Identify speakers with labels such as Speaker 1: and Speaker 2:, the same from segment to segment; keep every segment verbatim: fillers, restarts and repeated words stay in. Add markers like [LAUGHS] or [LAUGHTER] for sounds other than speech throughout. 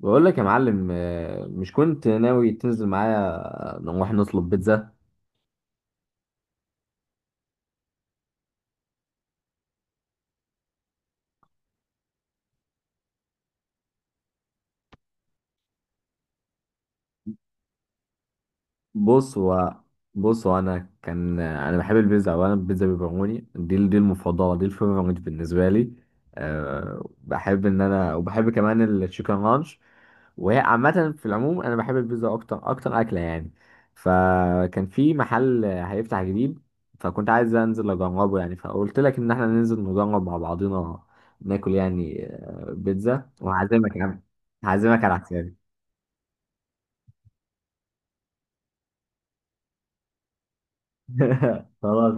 Speaker 1: بقول لك يا معلم، آه، مش كنت ناوي تنزل معايا نروح نطلب بيتزا؟ بص هو بص هو انا كان انا بحب البيتزا. اولا البيتزا بيبروني دي ال- دي المفضله، دي الفيفوريت بالنسبه لي. أه، بحب ان انا، وبحب كمان التشيكن رانش. وهي عامه في العموم انا بحب البيتزا اكتر، اكتر اكله يعني. فكان في محل هيفتح جديد، فكنت عايز انزل اجربه يعني، فقلت لك ان احنا ننزل نجرب مع بعضينا ناكل يعني آه، بيتزا، وهعزمك يا عم. هعزمك على حسابي. [LAUGHS] خلاص.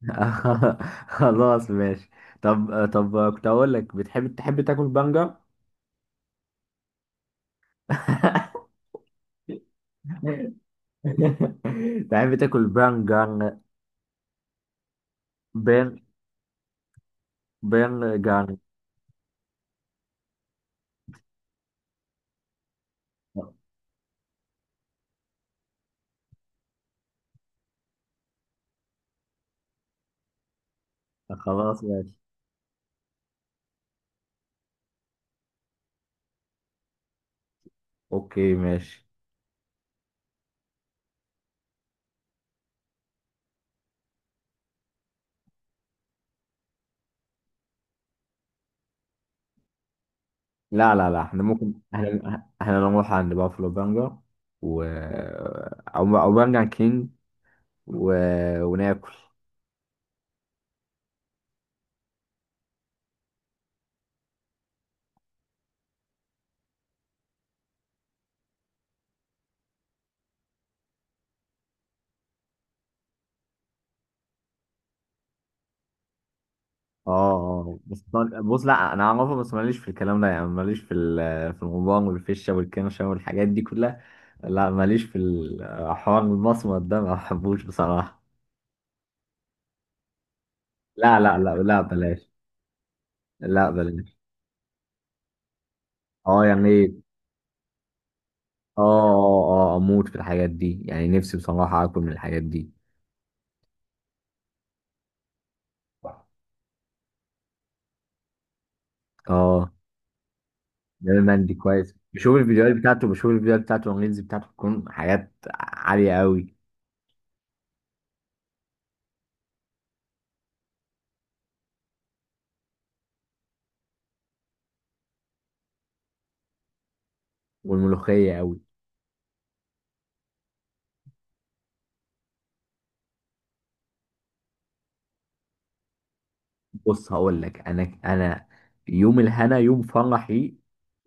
Speaker 1: [LAUGHS] خلاص ماشي. طب طب كنت اقول لك، بتحب تحب تاكل بانجا؟ [LAUGHS] تحب تاكل بانجان؟ بان، بانجان. خلاص ماشي. اوكي ماشي. لا لا لا، احنا ممكن احنا احنا نروح عند بافلو بانجا، و او او بانجان كينج، و... وناكل. اه اه، بس طبعاً- بص، لا انا اعرفه بس ماليش في الكلام ده يعني، ماليش في ال- في الغضبان والفشه والكرشه والحاجات دي كلها. لا، ماليش في الحوار المصمت ده، ما بحبوش بصراحة. لا لا لا لا، بلاش. لا بلاش. اه يعني. اه اه، اه اموت في الحاجات دي يعني، نفسي بصراحة اكل من الحاجات دي. اه. ده مندي كويس، بشوف الفيديوهات بتاعته، بشوف الفيديوهات بتاعته، والريلز بتاعته بتكون حاجات عالية قوي. والملوخية قوي. بص هقول لك، انا انا يوم الهنا يوم فرحي.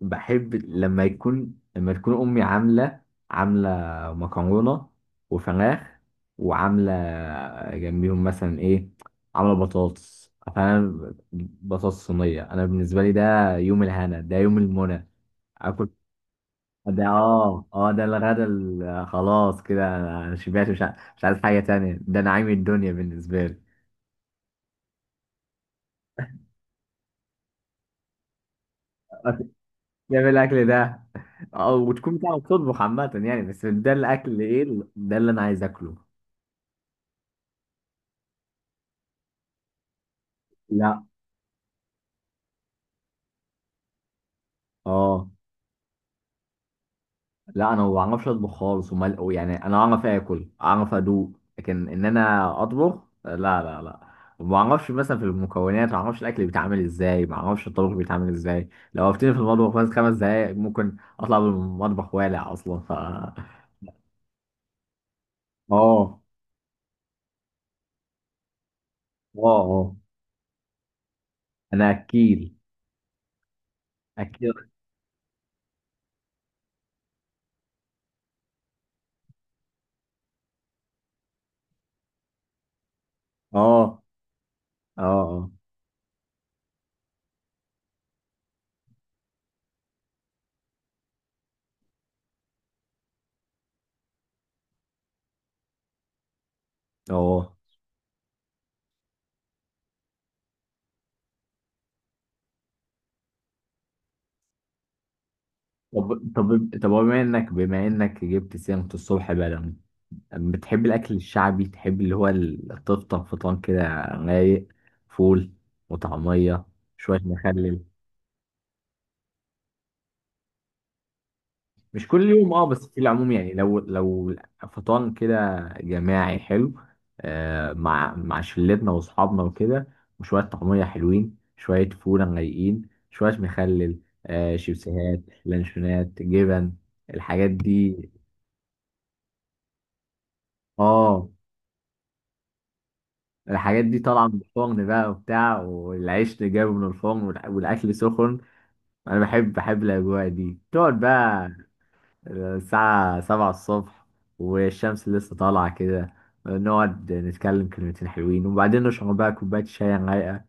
Speaker 1: بحب لما يكون لما تكون امي عامله، عامله مكرونه وفراخ، وعامله جنبيهم مثلا ايه، عامله بطاطس. فانا بطاطس صينيه، انا بالنسبه لي ده يوم الهنا، ده يوم المنى. اكل. ده، اه اه ده الغدا ال- خلاص كده، انا أنا شبعت، مش ع- مش عايز حاجه تانية. ده نعيم الدنيا بالنسبه لي. جاب الاكل ده. او وتكون بتعرف تطبخ عامه يعني، بس ده الاكل ايه ال- ده اللي انا عايز اكله. لا. اه. لا انا ما بعرفش اطبخ خالص، ومال يعني. انا اعرف اكل، اعرف ادوق، لكن ان انا اطبخ، لا لا لا، ما بعرفش. مثلا في المكونات ما بعرفش الاكل بيتعمل ازاي، ما بعرفش الطبخ بيتعمل ازاي. لو وقفتني في المطبخ بس خمس دقايق ممكن اطلع من المطبخ والع اصلا، ف... اه. اه اه. انا اكيل، اكيل. اه اه. اه اه. طب طب طب هو بما انك بما انك جبت سيرة الصبح بدري، بتحب الاكل الشعبي؟ تحب اللي هو ال- تفطر فطار كده، رايق، فول وطعمية، شوية مخلل؟ مش كل يوم اه، بس في العموم يعني. لو لو، فطار كده جماعي حلو، آه، مع مع شلتنا واصحابنا وكده، وشوية طعمية حلوين، شوية فول رايقين، شوية مخلل، آه، شيبسيهات، لانشونات، جبن. الحاجات دي. اه، الحاجات دي طالعة من الفرن بقى وبتاع، والعيش اللي جايبه من الفرن، والأ- والأكل سخن. أنا بحب بحب الأجواء دي. تقعد بقى الساعة سبعة الصبح، والشمس لسه طالعة كده، نقعد نتكلم كلمتين حلوين، وبعدين نشرب بقى كوباية شاي رايقة.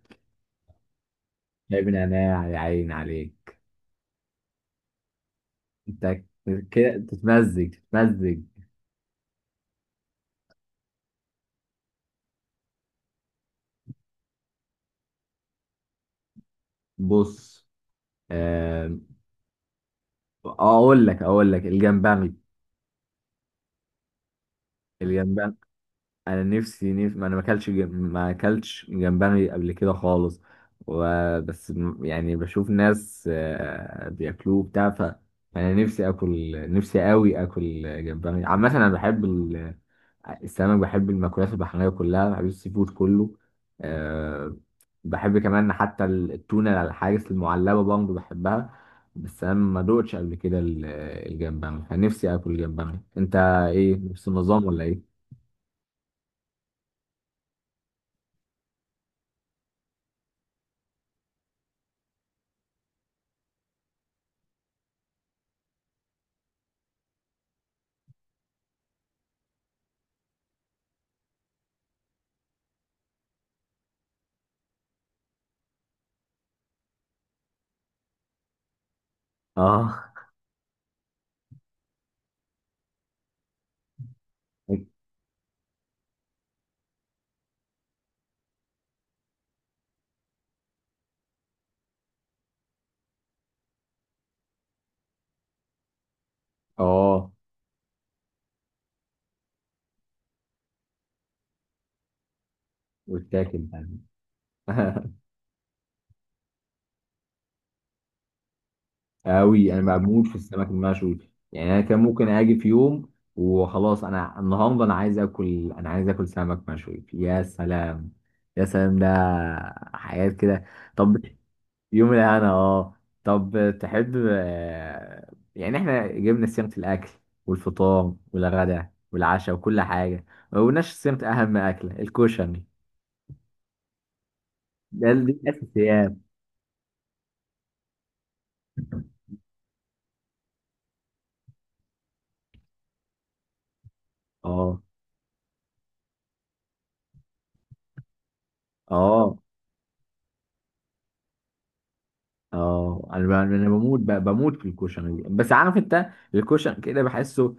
Speaker 1: جايب نعناع يا عين عليك. أنت كده تتمزج، تتمزج. بص، آم، أقول لك أقول لك الجمبري. الجمبري. انا نفسي نف... ما انا ما اكلتش جم... ما اكلتش جمبري قبل كده خالص. وبس م- يعني بشوف ناس آه، بياكلوه بتاع، ف... انا نفسي اكل، نفسي قوي اكل جمبري عامه. انا بحب ال... السمك. بحب المأكولات البحريه كلها، بحب السي فود كله. أه. بحب كمان حتى التونه الحاجز المعلبه برضه بحبها. بس انا ما دوقتش قبل كده ال- الجمبري. انا نفسي اكل جمبري. انت ايه، نفس النظام ولا ايه؟ اه. [LAUGHS] اه. واتاكل. [LAUGHS] قوي. انا بموت في السمك المشوي. يعني انا كان ممكن اجي في يوم وخلاص، انا النهارده انا عايز اكل، انا عايز اكل سمك مشوي. يا سلام، يا سلام ده حياة كده. طب. يوم الانا، اه. طب تحب، آه، يعني احنا جبنا سيرة الاكل والفطار والغداء والعشاء وكل حاجة، ما قلناش سيرة اهم اكلة، الكشري. ده، دي الاساسيات. اه اه. اه، انا ب- انا بموت ب- بموت في الكشري. بس عارف انت، الكشري كده بحسه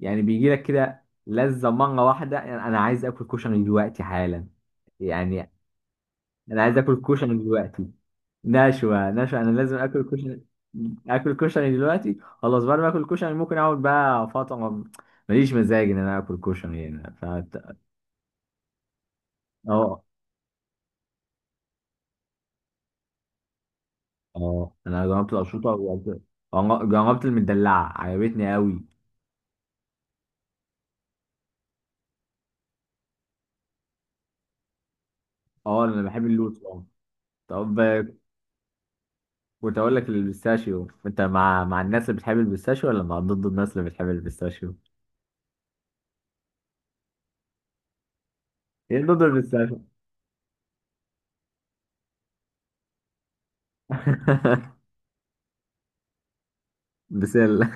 Speaker 1: يعني بيجي لك كده لذة مرة واحدة، يعني انا عايز اكل كشري دلوقتي حالا، يعني انا عايز اكل كشري دلوقتي. نشوة، نشوة. انا لازم اكل كشري. اكل كشري دلوقتي خلاص، بعد ما اكل كشري ممكن اقعد بقى فترة، ماليش مزاج ان انا اكل كشري. هنا فت... اه. اه، انا جربت الاشرطة، وجربت، جربت المدلعة عجبتني قوي. اه انا بحب اللوت. طب، آه، كنت اقول لك، البيستاشيو، انت مع مع الناس اللي بتحب البيستاشيو، ولا مع ضد الناس اللي بتحب البيستاشيو؟ ايه ضد البيستاشيو؟ [LAUGHS] بسلة.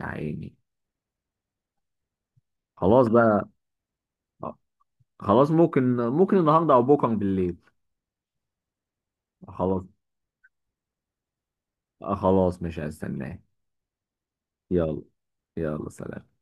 Speaker 1: يا عيني. خلاص بقى. خلاص، ممكن ممكن النهارده او بكره بالليل. خلاص. خلاص مش هستناه. يلا. يلا سلام.